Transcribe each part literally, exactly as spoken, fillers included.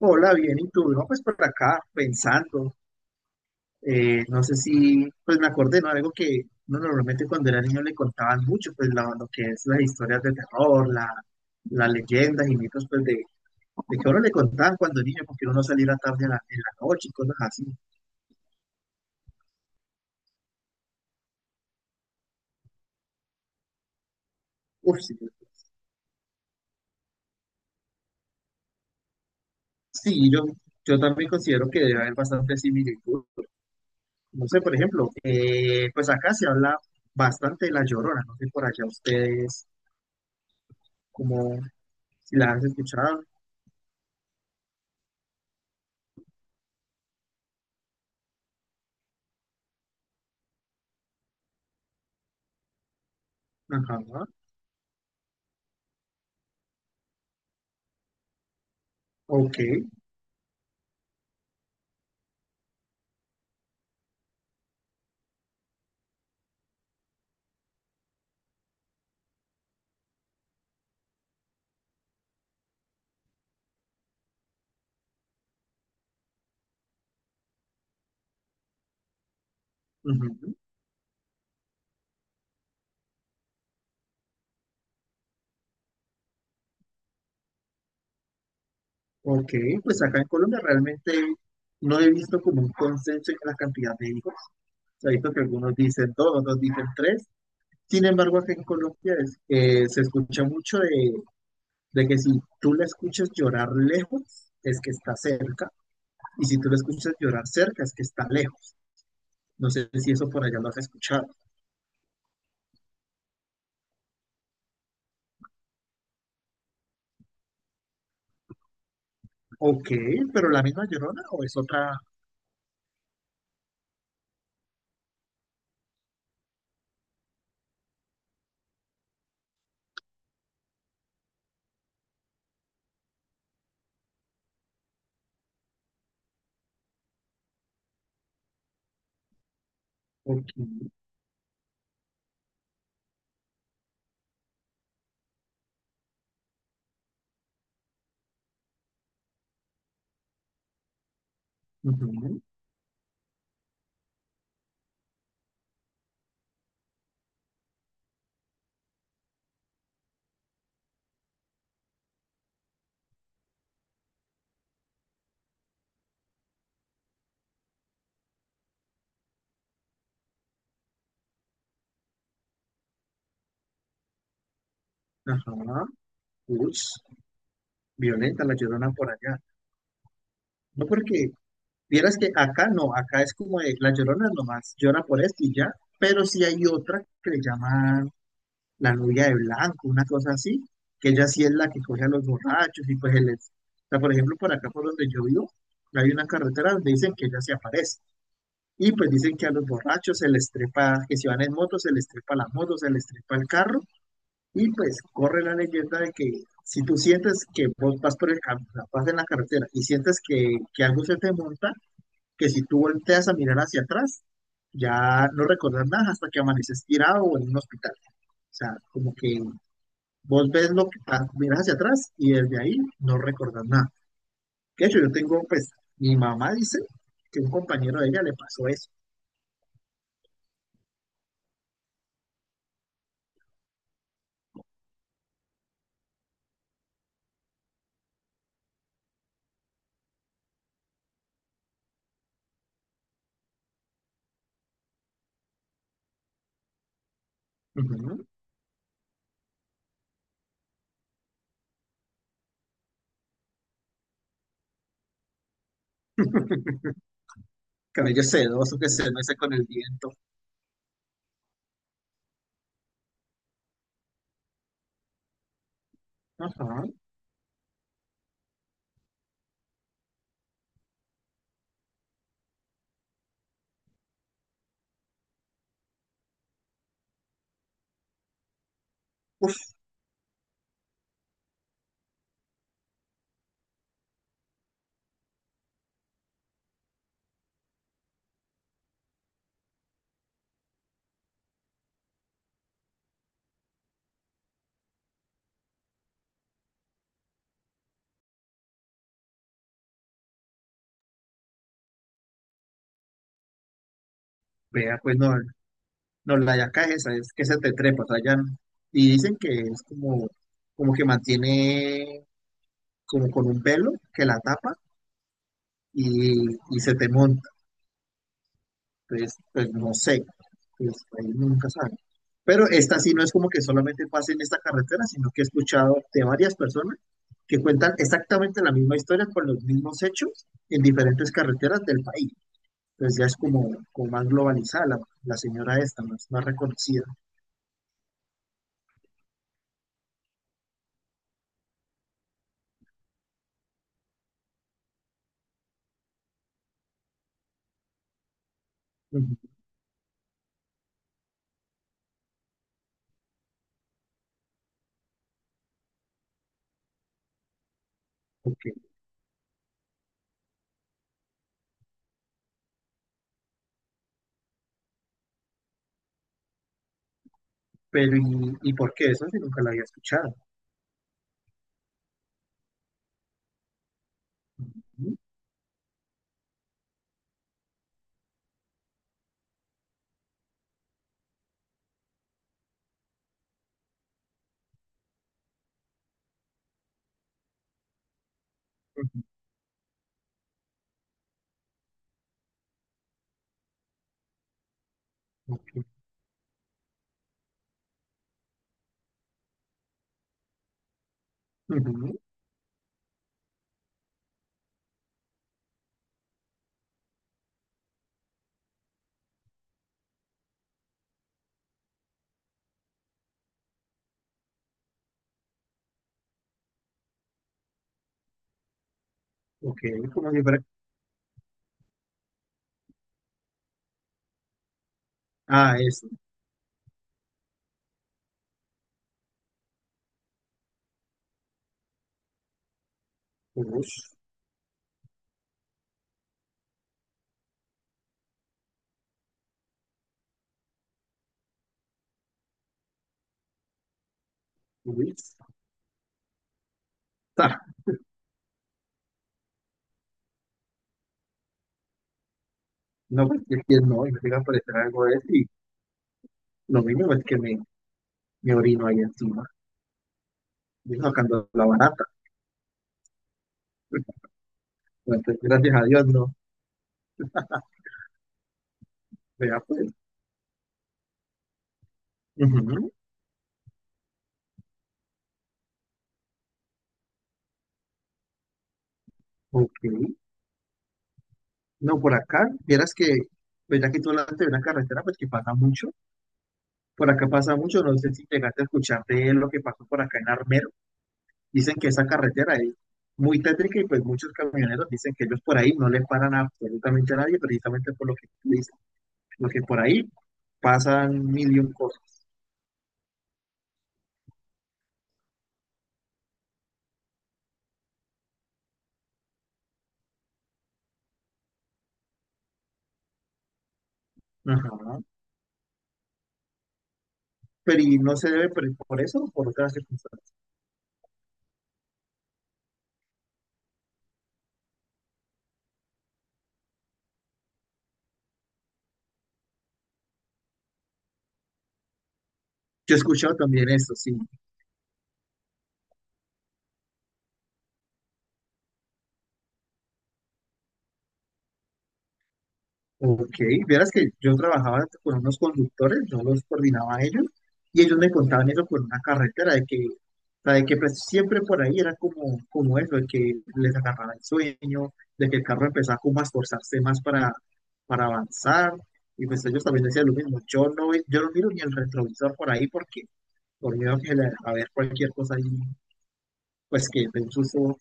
Hola, bien, ¿y tú? No, pues por acá, pensando, eh, no sé si, pues me acordé, ¿no? Algo que uno normalmente cuando era niño le contaban mucho, pues la- lo que es las historias de terror, la, las leyendas y mitos, pues de, de que a uno le contaban cuando niño, porque uno no saliera tarde en la, en la noche y cosas así. Uf, sí, sí, yo, yo también considero que debe haber bastante similitud. No sé, por ejemplo, eh, pues acá se habla bastante de la Llorona, no sé por allá ustedes, como si la han escuchado. Ajá. Ok, ujú, ok, pues acá en Colombia realmente no he visto como un consenso en la cantidad de hijos. O sea, he visto que algunos dicen dos, otros dicen tres. Sin embargo, acá en Colombia es, eh, se escucha mucho de, de que si tú la escuchas llorar lejos, es que está cerca, y si tú la escuchas llorar cerca, es que está lejos. No sé si eso por allá lo has escuchado. Ok, pero ¿la misma llorona o es otra? Ok, ujú, ajá, ush, violenta la llorona por allá. No porque vieras que acá no, acá es como de, la Llorona nomás llora por esto y ya, pero sí hay otra que le llaman la novia de blanco, una cosa así, que ella sí es la que coge a los borrachos y pues él es. O sea, por ejemplo, por acá por donde yo vivo, hay una carretera donde dicen que ella se aparece. Y pues dicen que a los borrachos se les trepa, que si van en moto, se les trepa la moto, se les trepa el carro. Y pues corre la leyenda de que si tú sientes que vos vas por el camino, vas en la carretera y sientes que, que algo se te monta, que si tú volteas a mirar hacia atrás, ya no recordás nada hasta que amaneces tirado o en un hospital. O sea, como que vos ves lo que pa- miras hacia atrás y desde ahí no recordás nada. De hecho, yo tengo, pues, mi mamá dice que un compañero de ella le pasó eso. Ujú. Cabello sedoso que se mece con el viento. Ajá. Uf, vea, pues no, no, la yaca es esa, es que se te trepa, o sea, ya, no. Y dicen que es como, como que mantiene como con un velo que la tapa y, y se te monta. Entonces, pues no sé, pues ahí nunca sabe. Pero esta sí no es como que solamente pase en esta carretera, sino que he escuchado de varias personas que cuentan exactamente la misma historia con los mismos hechos en diferentes carreteras del país. Entonces ya es como, como más globalizada la, la señora esta, más, más reconocida. Ujú, ok. Pero, ¿y, y por qué? Eso sí nunca la había escuchado. Ujú, ujú, ok, ujú, ok, como si fuera... Ah, eso ush, uy, ta. No, pues es que no, y me llega a aparecer algo de eso y lo mínimo es que me, me orino ahí encima, y sacando la barata. Entonces, gracias a Dios, no. Vea, pues. Ujú, ok. No, por acá, vieras que, pues ya que tú hablaste de una carretera, pues que pasa mucho. Por acá pasa mucho, no sé si llegaste a escuchar de lo que pasó por acá en Armero. Dicen que esa carretera es muy tétrica y pues muchos camioneros dicen que ellos por ahí no le paran absolutamente a nadie, precisamente por lo que tú dices, porque por ahí pasan mil y un cosas. Ajá. Pero ¿y no se debe por, por eso o por otras circunstancias? Yo he escuchado también eso, sí. Ok, vieras que yo trabajaba con unos conductores, yo los coordinaba a ellos y ellos me contaban eso por una carretera, de que, o sea, de que pues, siempre por ahí era como, como eso, de que les agarraba el sueño, de que el carro empezaba como a esforzarse más para, para avanzar y pues ellos también decían lo mismo, yo no, ve- yo no miro ni el retrovisor por ahí porque por miedo que le- a ver cualquier cosa ahí, pues que de un susto,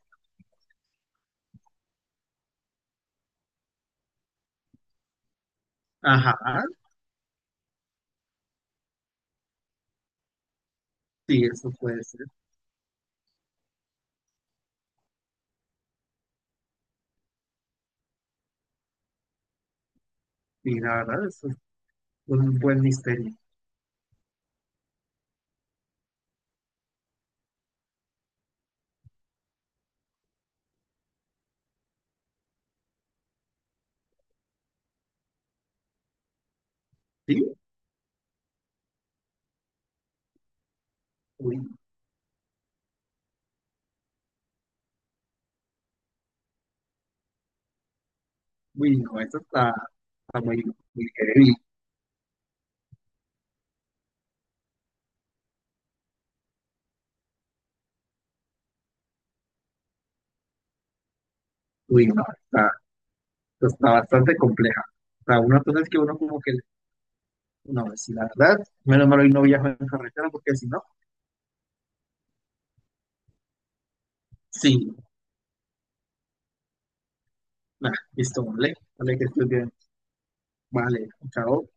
ajá, sí, eso puede ser, y la verdad, eso es un buen misterio, ¿sí? Uy, no, eso está, está muy, muy heavy. Uy, no, está, está bastante compleja. O sea, una cosa es que uno como que, no, pues, si la verdad, menos mal hoy no viajo en carretera porque si no, sí, nah, listo, vale, vale que estoy bien, vale, chao.